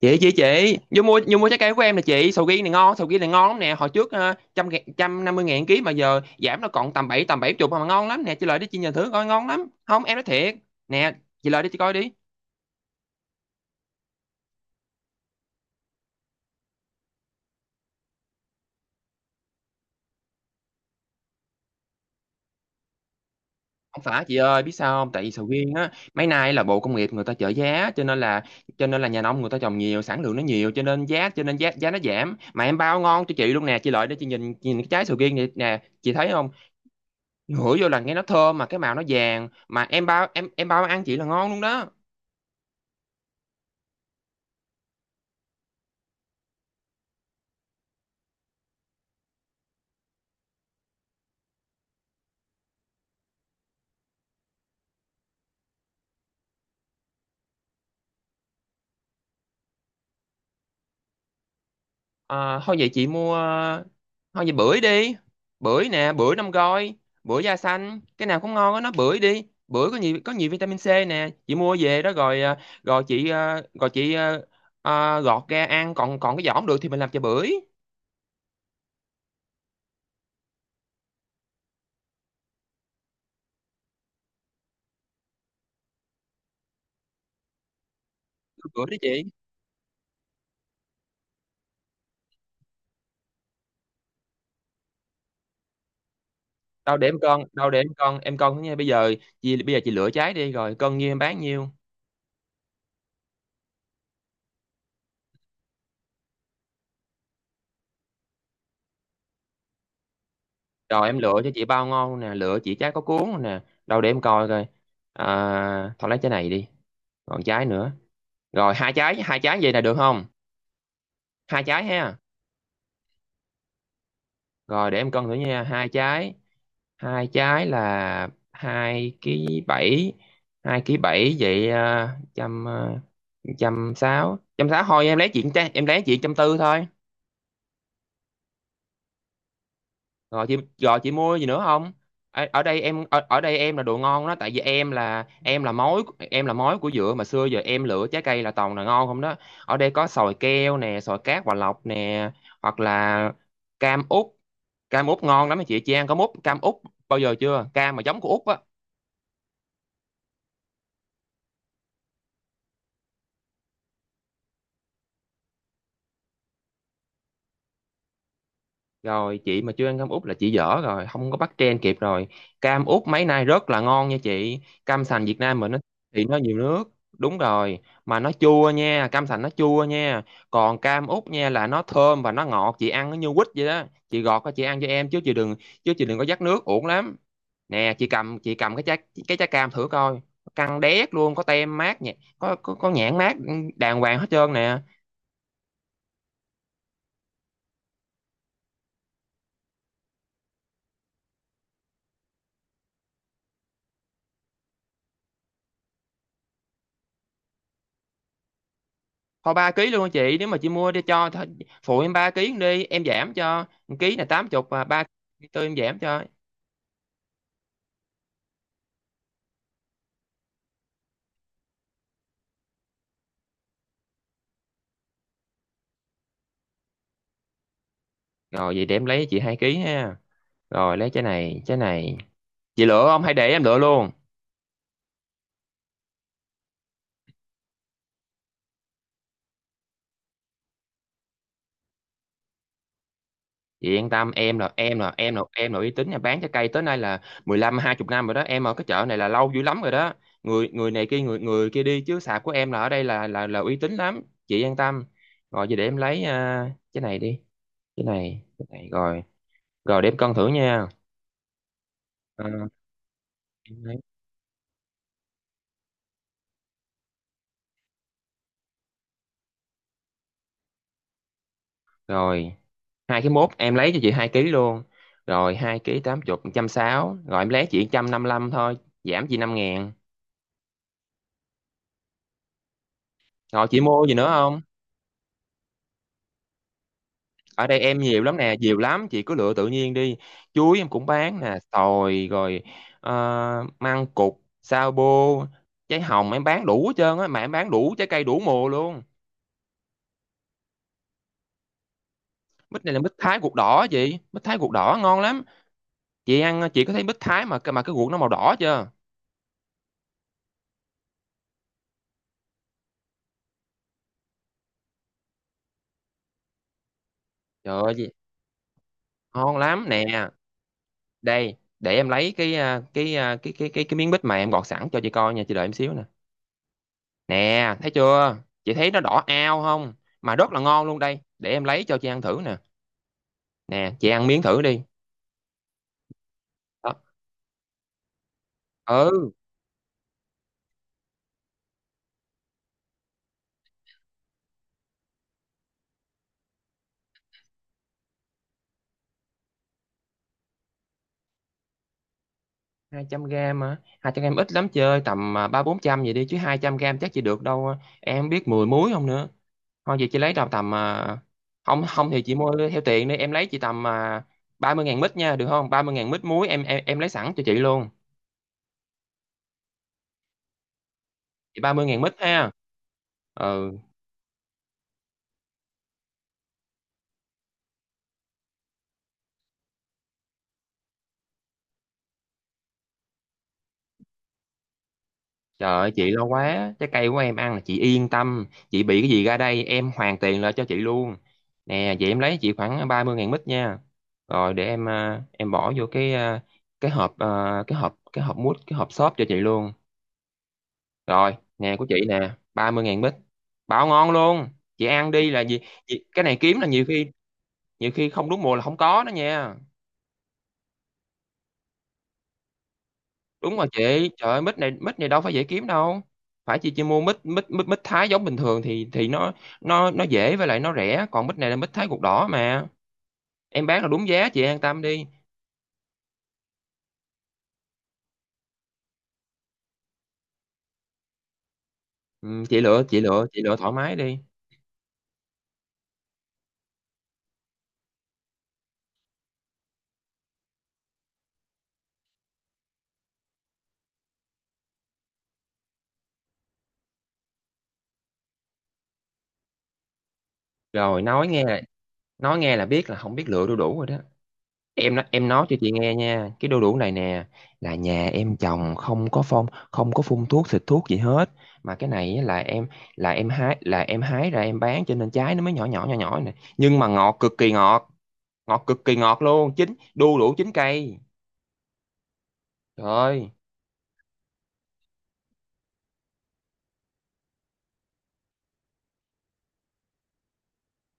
Chị vô mua trái cây của em nè chị. Sầu riêng này ngon, sầu riêng này ngon lắm nè. Hồi trước trăm ngàn- 150.000 ký mà giờ giảm nó còn tầm bảy tầm 70 mà ngon lắm nè. Chị lại đi, chị nhìn thử coi ngon lắm không, em nói thiệt. Nè, chị lại đi chị coi đi. Không phải chị ơi, biết sao không, tại vì sầu riêng á mấy nay là bộ công nghiệp người ta trợ giá cho nên là cho nên nhà nông người ta trồng nhiều, sản lượng nó nhiều cho nên giá giá nó giảm, mà em bao ngon cho chị luôn nè. Chị lại để chị nhìn, nhìn cái trái sầu riêng này nè chị thấy không. Ngửi vô là nghe nó thơm mà cái màu nó vàng, mà em bao ăn chị là ngon luôn đó. Thôi vậy chị mua, thôi vậy bưởi đi. Bưởi nè, bưởi năm gói. Bưởi da xanh cái nào cũng ngon á nó, bưởi đi. Bưởi có nhiều, có nhiều vitamin C nè, chị mua về đó rồi rồi chị. Gọt ra ăn, còn còn cái vỏ không được thì mình làm chè bưởi. Bưởi đó chị. Đâu để em cân, em cân nha. Bây giờ chị, bây giờ chị lựa trái đi rồi cân nhiêu em bán nhiêu. Rồi em lựa cho chị bao ngon nè, lựa chị trái có cuốn nè. Đâu để em coi coi. Thôi lấy trái này đi, còn trái nữa. Rồi hai trái, hai trái vậy là được không, hai trái ha. Rồi để em cân thử nha, hai trái. Hai trái là 2,7 ký. Hai ký bảy vậy trăm ờ, 160, 160 thôi em lấy chuyện, em lấy chuyện 140 thôi. Rồi chị, rồi chị mua gì nữa không. Ở đây em là đồ ngon đó, tại vì em là mối. Em là mối của dừa mà, xưa giờ em lựa trái cây là toàn là ngon không đó. Ở đây có sòi keo nè, sòi cát hòa lộc nè, hoặc là cam út. Cam út ngon lắm á chị ăn cam út, cam út bao giờ chưa, cam mà giống của út á. Rồi chị mà chưa ăn cam út là chị dở rồi, không có bắt trend kịp rồi. Cam út mấy nay rất là ngon nha chị. Cam sành Việt Nam mình nó thì nó nhiều nước. Đúng rồi, mà nó chua nha, cam sành nó chua nha. Còn cam út nha là nó thơm và nó ngọt, chị ăn nó như quýt vậy đó. Chị gọt ra chị ăn cho em chứ chị đừng có dắt nước uổng lắm. Nè, chị cầm, chị cầm cái trái, cái trái cam thử coi. Căng đét luôn, có tem mát nhẹ, có có nhãn mát, ừ, đàng hoàng hết trơn nè. Thôi 3 ký luôn chị, nếu mà chị mua đi cho thôi, phụ em 3 ký đi em giảm cho 1 ký là 80 và 34 em giảm cho. Rồi vậy để em lấy chị 2 ký ha. Rồi lấy trái này, trái này. Chị lựa không hay để em lựa luôn. Chị yên tâm, em là em là uy tín nhà bán trái cây tới nay là 15-20 năm rồi đó, em ở cái chợ này là lâu dữ lắm rồi đó. Người người này kia, người người kia đi, chứ sạp của em là ở đây là là uy tín lắm, chị yên tâm. Rồi vậy để em lấy cái này đi, cái này rồi. Rồi để em cân thử nha. Ờ, rồi 2,1 ký em lấy cho chị 2 ký luôn. Rồi 2 ký 80, 160 rồi em lấy chị 155 thôi, giảm chị 5.000. Rồi chị mua gì nữa không. Ở đây em nhiều lắm nè, nhiều lắm, chị cứ lựa tự nhiên đi. Chuối em cũng bán nè, xoài rồi ờ, măng cụt, sao bô, trái hồng, em bán đủ hết trơn á, mà em bán đủ trái cây đủ mùa luôn. Mít này là mít Thái ruột đỏ chị, mít Thái ruột đỏ ngon lắm. Chị ăn chị có thấy mít Thái mà cái ruột nó màu đỏ chưa. Trời ơi, ngon lắm nè. Đây để em lấy cái miếng bít mà em gọt sẵn cho chị coi nha, chị đợi em xíu nè. Nè thấy chưa, chị thấy nó đỏ ao không, mà rất là ngon luôn. Đây để em lấy cho chị ăn thử nè, nè chị ăn miếng thử đi. Đó. Ừ. 200 gram, mà 200 gram ít lắm, chơi tầm 300-400 vậy đi, chứ 200 gram chắc chị được đâu à, em không biết 10 muối không nữa. Thôi vậy chị lấy đâu tầm không, không thì chị mua theo tiền đi, em lấy chị tầm 30.000 mít nha, được không, 30.000 mít muối em em lấy sẵn cho chị luôn. Chị 30.000 mít ha. Ừ, trời ơi chị lo quá, trái cây của em ăn là chị yên tâm, chị bị cái gì ra đây em hoàn tiền lại cho chị luôn. Nè vậy em lấy chị khoảng 30.000 mít nha. Rồi để em em bỏ vô cái cái hộp à, cái hộp mút, cái hộp xốp cho chị luôn. Rồi nè, của chị nè, 30.000 mít, bảo ngon luôn. Chị ăn đi là gì. Chị, cái này kiếm là nhiều khi, nhiều khi không đúng mùa là không có đó nha. Đúng rồi chị, trời ơi mít này, mít này đâu phải dễ kiếm đâu. Phải chị chỉ mua mít, mít Thái giống bình thường thì nó, nó dễ với lại nó rẻ, còn mít này là mít Thái ruột đỏ mà, em bán là đúng giá, chị an tâm đi. Ừ, chị lựa, chị lựa thoải mái đi. Rồi nói nghe là biết là không biết lựa đu đủ rồi đó. Em nói, em nói cho chị nghe nha, cái đu đủ này nè là nhà em trồng không có phong, không có phun thuốc xịt thuốc gì hết, mà cái này á là em hái, là em hái ra em bán cho nên trái nó mới nhỏ nhỏ này, nhưng mà ngọt cực kỳ ngọt, ngọt cực kỳ ngọt luôn, chín đu đủ chín cây. Trời ơi,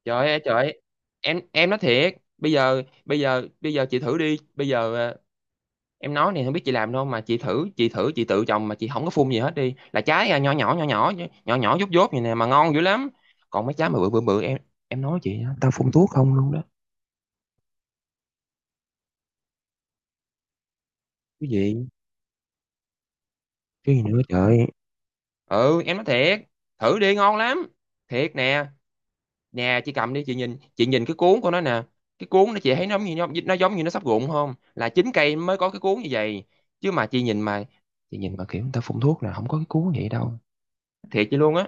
trời ơi, trời ơi. Em nói thiệt, bây giờ bây giờ chị thử đi, bây giờ em nói này không biết chị làm đâu mà, chị thử, chị thử chị tự trồng mà chị không có phun gì hết đi là trái nhỏ nhỏ nhỏ nhỏ nhỏ nhỏ dốt dốt vậy nè mà ngon dữ lắm. Còn mấy trái mà bự bự bự em nói chị á, tao phun thuốc không luôn đó. Cái gì, cái gì nữa trời. Ừ em nói thiệt, thử đi ngon lắm, thiệt nè. Nè chị cầm đi, chị nhìn, chị nhìn cái cuốn của nó nè. Cái cuốn nó chị thấy nó giống như nó giống như nó sắp rụng không, là chín cây mới có cái cuốn như vậy. Chứ mà chị nhìn mà, chị nhìn mà kiểu người ta phun thuốc là không có cái cuốn vậy đâu, thiệt chị luôn á.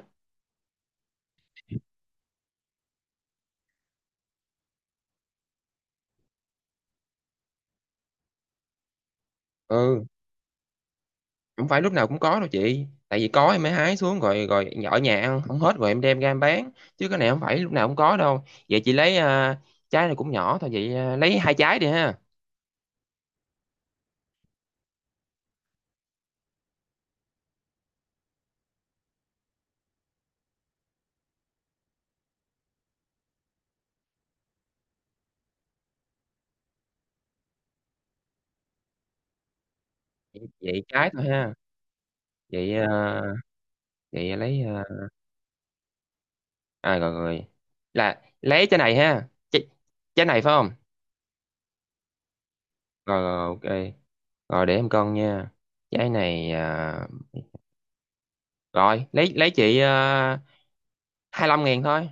Ừ, không phải lúc nào cũng có đâu chị, tại vì có em mới hái xuống rồi, rồi ở nhà ăn không hết rồi em đem ra em bán, chứ cái này không phải lúc nào cũng có đâu. Vậy chị lấy trái này cũng nhỏ thôi, vậy lấy 2 trái đi ha. Vậy, vậy trái thôi ha. Vậy à, vậy lấy à, À rồi rồi. Là lấy trái này ha. Trái, trái này phải không? Rồi rồi ok. Rồi để em cân nha. Trái này à... rồi, lấy chị à... 15.000 thôi.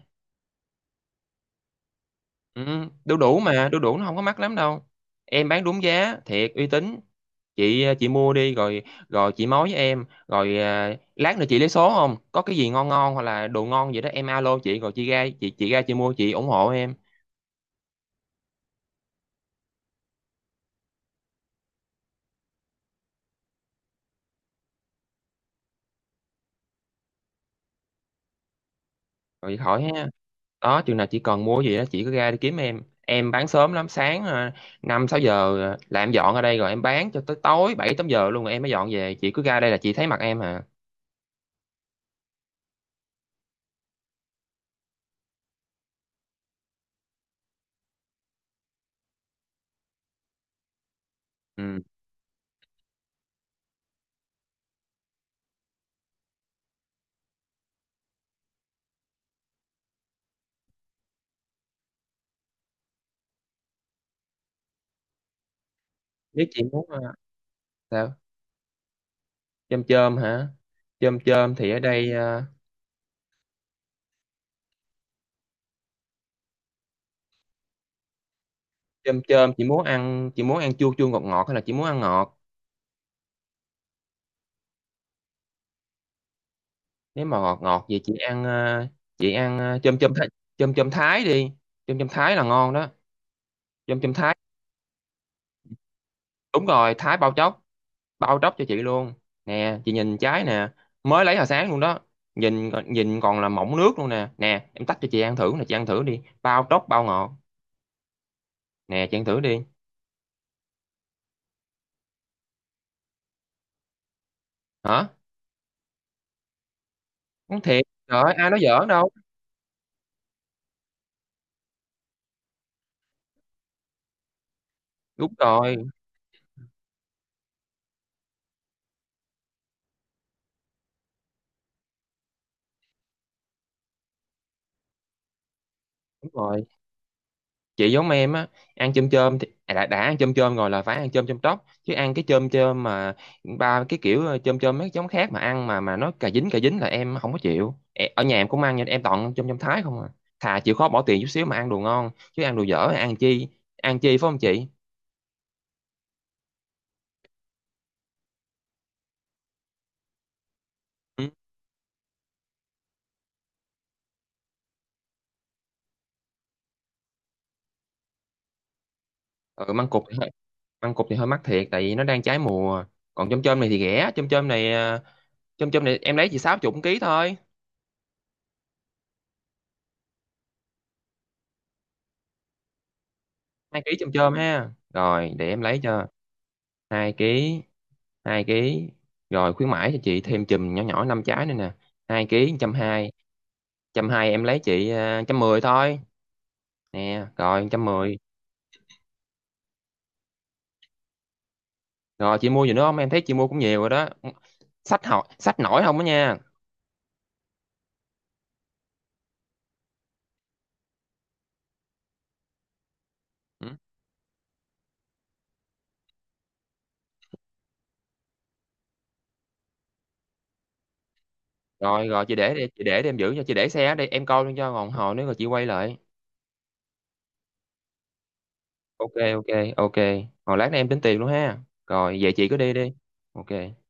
Ừ, đu đủ mà, đu đủ nó không có mắc lắm đâu. Em bán đúng giá, thiệt uy tín. Chị à, chị mua đi rồi, rồi chị mối với em, rồi à... lát nữa chị lấy số không? Có cái gì ngon ngon hoặc là đồ ngon gì đó em alo chị, rồi chị ra chị ra chị mua chị ủng hộ em. Rồi khỏi ha. Đó chừng nào chị cần mua gì đó chị cứ ra đi kiếm em bán sớm lắm, sáng 5-6 giờ là em dọn ở đây, rồi em bán cho tới tối 7-8 giờ luôn rồi em mới dọn về, chị cứ ra đây là chị thấy mặt em hả. Ừ. Biết chị muốn sao, chôm chôm hả, chôm chôm thì ở đây chôm chôm, chị muốn ăn, chị muốn ăn chua chua ngọt ngọt hay là chị muốn ăn ngọt. Nếu mà ngọt ngọt vậy chị ăn chị ăn chôm chôm Thái, chôm chôm Thái đi, chôm chôm Thái là ngon đó, chôm chôm Thái. Đúng rồi, Thái bao chóc, bao tróc cho chị luôn. Nè chị nhìn trái nè, mới lấy hồi sáng luôn đó, nhìn nhìn còn là mọng nước luôn nè. Nè em tách cho chị ăn thử nè, chị ăn thử đi bao tróc bao ngọt. Nè chị ăn thử đi. Hả. Nói thiệt trời ơi, ai nói giỡn đâu. Đúng rồi, đúng rồi, chị giống em á. Ăn chôm chôm thì à, đã ăn chôm chôm rồi là phải ăn chôm chôm tóc, chứ ăn cái chôm chôm mà ba cái kiểu chôm chôm mấy giống khác mà ăn mà nó cà dính, cà dính là em không có chịu. E- ở nhà em cũng ăn nhưng em toàn chôm chôm Thái không à. Thà chịu khó bỏ tiền chút xíu mà ăn đồ ngon, chứ ăn đồ dở thì ăn chi, ăn chi phải không chị. Ừ, ừ măng cụt thì hơi, măng cụt thì hơi mắc thiệt, tại vì nó đang trái mùa. Còn chôm chôm này thì rẻ, chôm chôm này chôm chôm này em lấy chỉ 60 ký thôi. Hai ký chôm chôm ha, rồi để em lấy cho, hai ký, hai ký. Rồi khuyến mãi cho chị thêm chùm nhỏ nhỏ 5 trái nữa nè. 2 ký 120, 120 em lấy chị 110 thôi. Nè rồi 110. Rồi chị mua gì nữa không, em thấy chị mua cũng nhiều rồi đó, sách học sách nổi không đó nha. Ừ. Rồi rồi chị để đi, chị để đi, em giữ cho chị, để xe ở đây em coi luôn cho, còn hồi nữa rồi chị quay lại. Ok ok ok. Hồi lát nữa em tính tiền luôn ha, rồi về chị cứ đi đi. Ok.